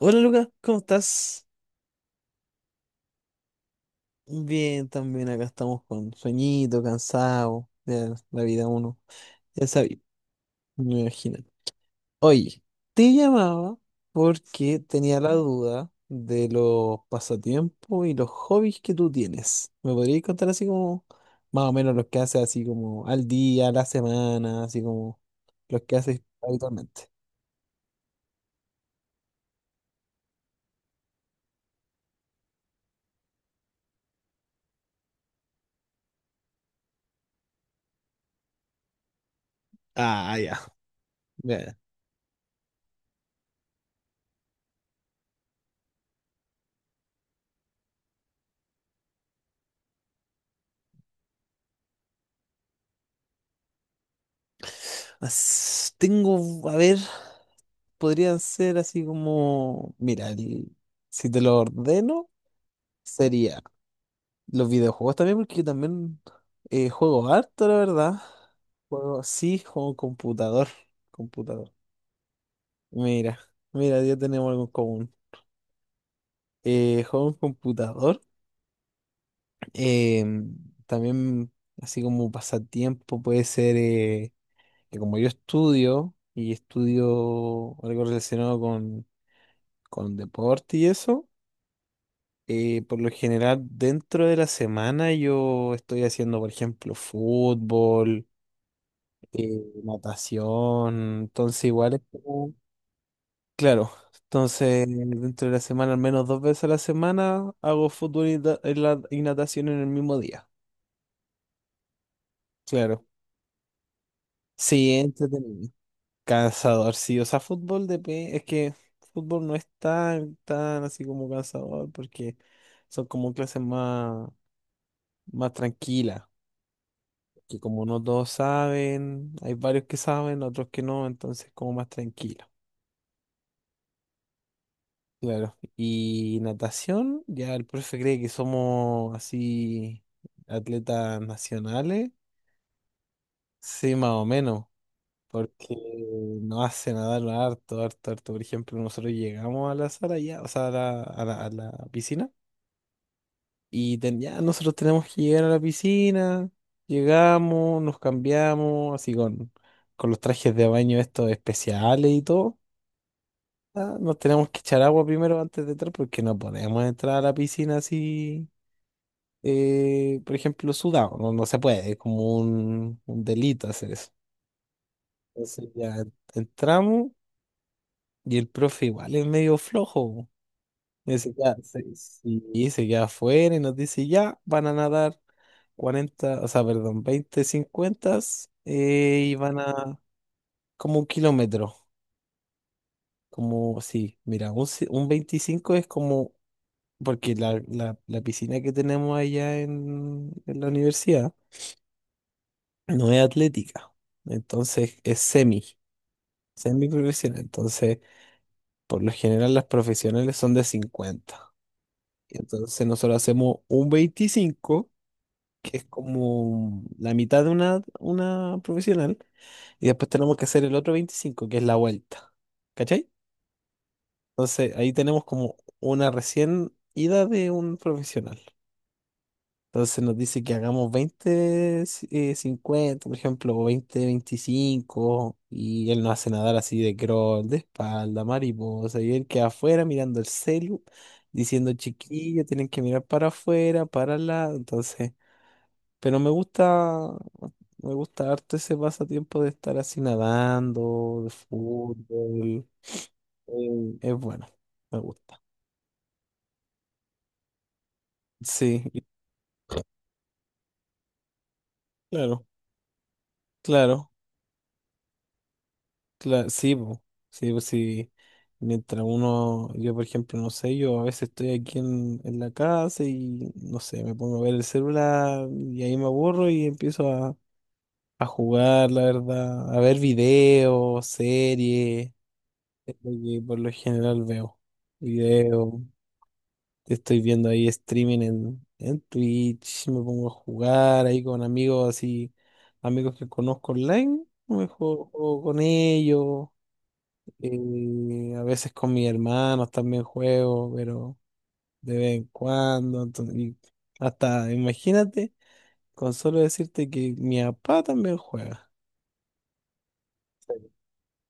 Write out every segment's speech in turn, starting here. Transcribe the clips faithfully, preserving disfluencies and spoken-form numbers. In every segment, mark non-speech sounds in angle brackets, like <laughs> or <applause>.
Hola Lucas, ¿cómo estás? Bien, también acá estamos con sueñito, cansado de la vida uno. Ya sabía, me imagino. Oye, te llamaba porque tenía la duda de los pasatiempos y los hobbies que tú tienes. ¿Me podrías contar así como más o menos los que haces así como al día, a la semana, así como los que haces habitualmente? Ah, ya. Ya, ya. As- Tengo, a ver. Podrían ser así como, mira, el- si te lo ordeno, sería los videojuegos también, porque yo también eh, juego harto, la verdad. Juego, sí, juego computador, computador. Mira, mira, ya tenemos algo en común. Eh, juego en computador. eh, También, así como pasatiempo, puede ser eh, que como yo estudio y estudio algo relacionado con, con deporte y eso. Eh, por lo general, dentro de la semana yo estoy haciendo, por ejemplo, fútbol, eh, natación, entonces igual es como... Claro, entonces dentro de la semana, al menos dos veces a la semana, hago fútbol y, da- y la- y natación en el mismo día. Claro. Sí, entretenido. Cansador, sí, o sea, fútbol depe- es que fútbol no es tan, tan así como cansador porque son como clases más, más tranquilas. Que como no todos saben, hay varios que saben, otros que no, entonces como más tranquilo. Claro. Y natación, ya el profe cree que somos así atletas nacionales. Sí, más o menos, porque nos hace nadar harto, harto, harto. Por ejemplo, nosotros llegamos a la sala ya, o sea, a la, a la- a la piscina, y ten- ya nosotros tenemos que llegar a la piscina, llegamos, nos cambiamos, así con, con los trajes de baño estos especiales y todo. Ah, nos tenemos que echar agua primero antes de entrar porque no podemos entrar a la piscina así, eh, por ejemplo, sudado. No, no se puede, es como un, un delito hacer eso. Entonces ya entramos y el profe igual es medio flojo. Y se queda, se- sí, y se queda afuera y nos dice, ya, van a nadar cuarenta, o sea, perdón, veinte, cincuenta, eh, y van a como un kilómetro. Como, sí, mira, un, ci- un veinticinco, es como porque la, la- la piscina que tenemos allá en, en la universidad no es atlética, entonces es semi, semi profesional. Entonces, por lo general, las profesionales son de cincuenta. Y entonces, nosotros hacemos un veinticinco que es como la mitad de una, una profesional, y después tenemos que hacer el otro veinticinco que es la vuelta. ¿Cachai? Entonces, ahí tenemos como una recién ida de un profesional. Entonces nos dice que hagamos veinte, ci- eh, cincuenta, por ejemplo, o veinte, veinticinco, y él nos hace nadar así de crawl, de espalda, mariposa, y él queda afuera mirando el celu, diciendo chiquillo, tienen que mirar para afuera, para al lado, entonces, pero me gusta, me gusta harto ese pasatiempo de estar así nadando, de fútbol, eh, es bueno, me gusta. Sí, y- claro, claro. Cla- sí, po. Sí, pues sí. Mientras uno, yo por ejemplo, no sé, yo a veces estoy aquí en, en la casa y no sé, me pongo a ver el celular y ahí me aburro y empiezo a, a jugar, la verdad, a ver videos, series, es lo que por lo general veo. Videos, estoy viendo ahí streaming en, en Twitch, me pongo a jugar ahí con amigos así, amigos que conozco online, me juego juego con ellos. Y a veces con mis hermanos también juego, pero de vez en cuando. entonces- y hasta, imagínate, con solo decirte que mi papá también juega.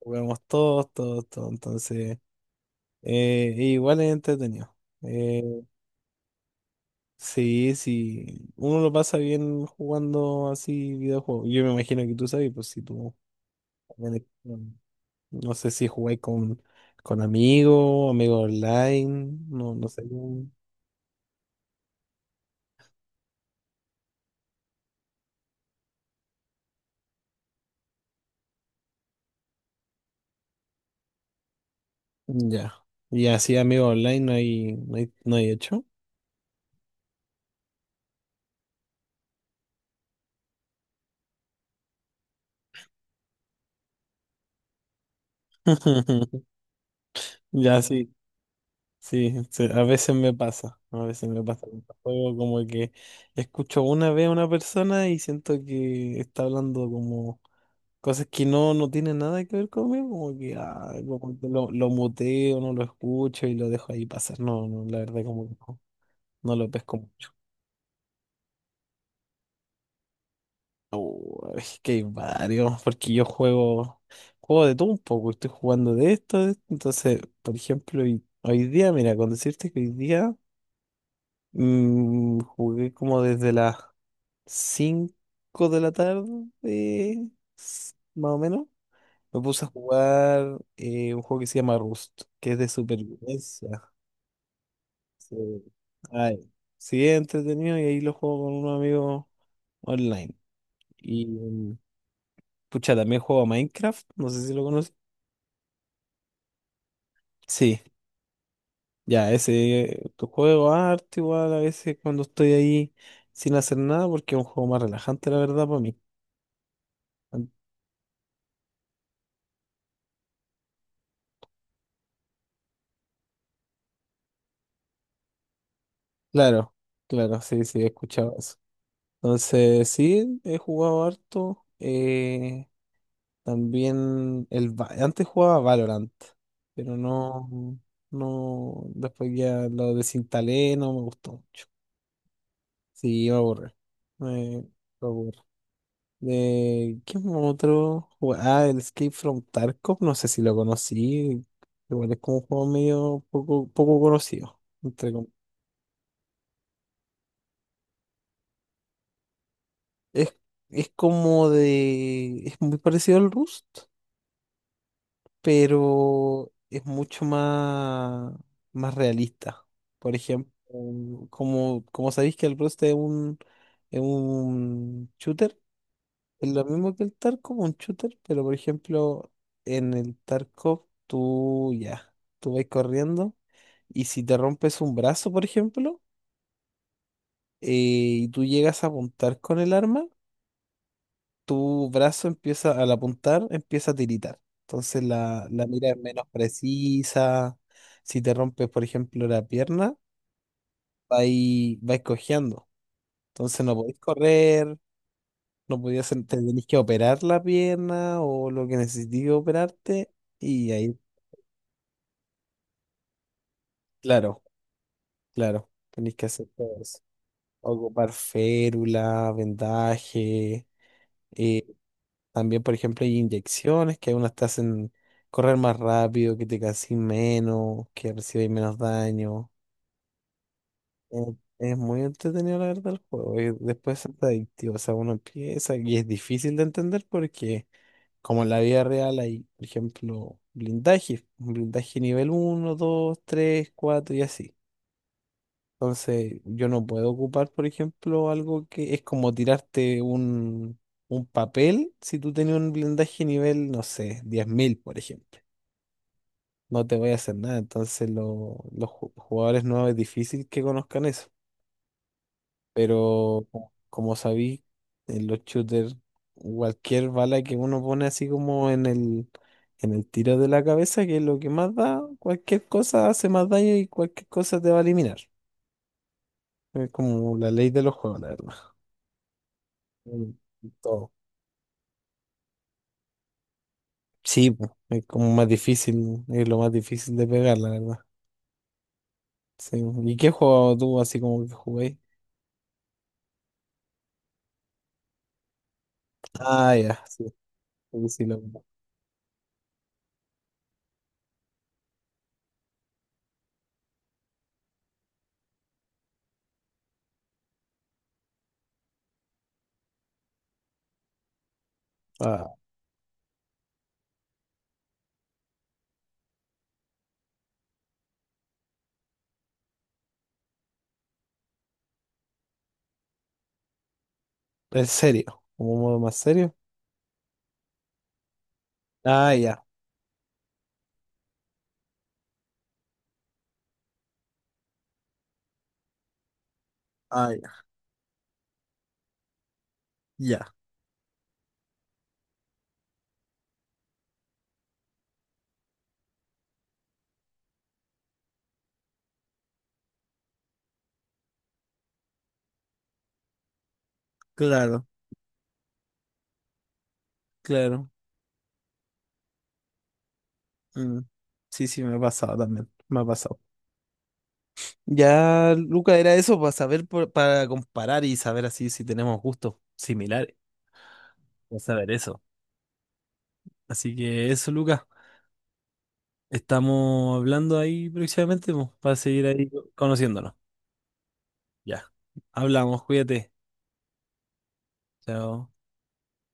Jugamos todos, todos, todos. Entonces, eh, igual es entretenido. Eh, sí, sí. Uno lo pasa bien jugando así videojuegos. Yo me imagino que tú sabes, pues si tú también, eres- no sé si jugáis con, con amigos, amigos online, no, no sé. Ya. Y así, amigo online, no hay, no hay, no hay hecho. <laughs> Ya, sí, sí, sí, a veces me pasa, a veces me pasa con los juegos, como que escucho una vez a una persona y siento que está hablando como cosas que no, no tienen nada que ver conmigo, como que, ah, como que lo, lo muteo, no lo escucho y lo dejo ahí pasar. No, no, la verdad como que no, no lo pesco mucho. Oh, es que hay varios, porque yo juego, juego de todo un poco, estoy jugando de esto, de entonces, por ejemplo, hoy, hoy día, mira, con decirte que hoy día mm, jugué como desde las cinco de la tarde, eh, s- más o menos, me puse a jugar eh, un juego que se llama Rust, que es de supervivencia. Sí, ay, sí, es entretenido y ahí lo juego con un amigo online. Y, mm, pucha, también juego a Minecraft, no sé si lo conoces. Sí, ya, ese tu juego arte igual a veces cuando estoy ahí sin hacer nada, porque es un juego más relajante, la verdad, para mí. An- Claro, claro, sí, sí, he escuchado eso. Entonces, sí, he jugado harto. Eh, también el Va- antes jugaba Valorant, pero no, no, después ya lo desinstalé, no me gustó mucho. Sí, me aburre. Me, me aburre. De ¿qué otro? jue- Ah, el Escape from Tarkov, no sé si lo conocí. Igual es como un juego medio poco, poco conocido. Entre com- es, es como de. Es muy parecido al Rust, pero es mucho más, más realista. Por ejemplo, como, como sabéis que el Rust es un, es un shooter, es lo mismo que el Tarkov, un shooter, pero por ejemplo, en el Tarkov tú ya, tú vas corriendo y si te rompes un brazo, por ejemplo, eh, y tú llegas a apuntar con el arma, tu brazo empieza, al apuntar, empieza a tiritar. Entonces la, la mira es menos precisa. Si te rompes, por ejemplo, la pierna, vais, vais cojeando. Entonces no podéis correr, no podías, te tenías que operar la pierna o lo que necesites operarte. Y ahí, claro, claro, tenés que hacer todo eso. Ocupar férula, vendaje. eh, También, por ejemplo, hay inyecciones que algunas te hacen correr más rápido, que te casís menos, que recibes menos daño. Eh, es muy entretenido, la verdad, el juego. Y después es adictivo. O sea, uno empieza y es difícil de entender porque como en la vida real hay, por ejemplo, blindaje, un blindaje nivel uno dos tres cuatro y así. Entonces, yo no puedo ocupar, por ejemplo, algo que es como tirarte un, un papel si tú tenías un blindaje nivel, no sé, diez mil por ejemplo. No te voy a hacer nada. Entonces, lo- los ju- jugadores nuevos es difícil que conozcan eso. Pero co- como sabí, en los shooters, cualquier bala que uno pone así como en el, en el tiro de la cabeza, que es lo que más da, cualquier cosa hace más daño y cualquier cosa te va a eliminar. Es como la ley de los juegos, la verdad. Mm, todo. Sí, po, es como más difícil, es lo más difícil de pegar, la verdad. Sí. ¿Y qué juego tú así como que jugué? Ah, ya, sí, sí, sí, lo conozco. Ah, ¿en serio? ¿Como modo más serio? Ah, ya, ah, ya, ya, claro. Claro. Mm. Sí, sí, me ha pasado también. Me ha pasado. Ya, Luca, era eso para saber, por- para comparar y saber así si tenemos gustos similares. Para saber eso. Así que eso, Luca. Estamos hablando ahí próximamente, po, para seguir ahí conociéndonos. Ya. Hablamos, cuídate. Chao.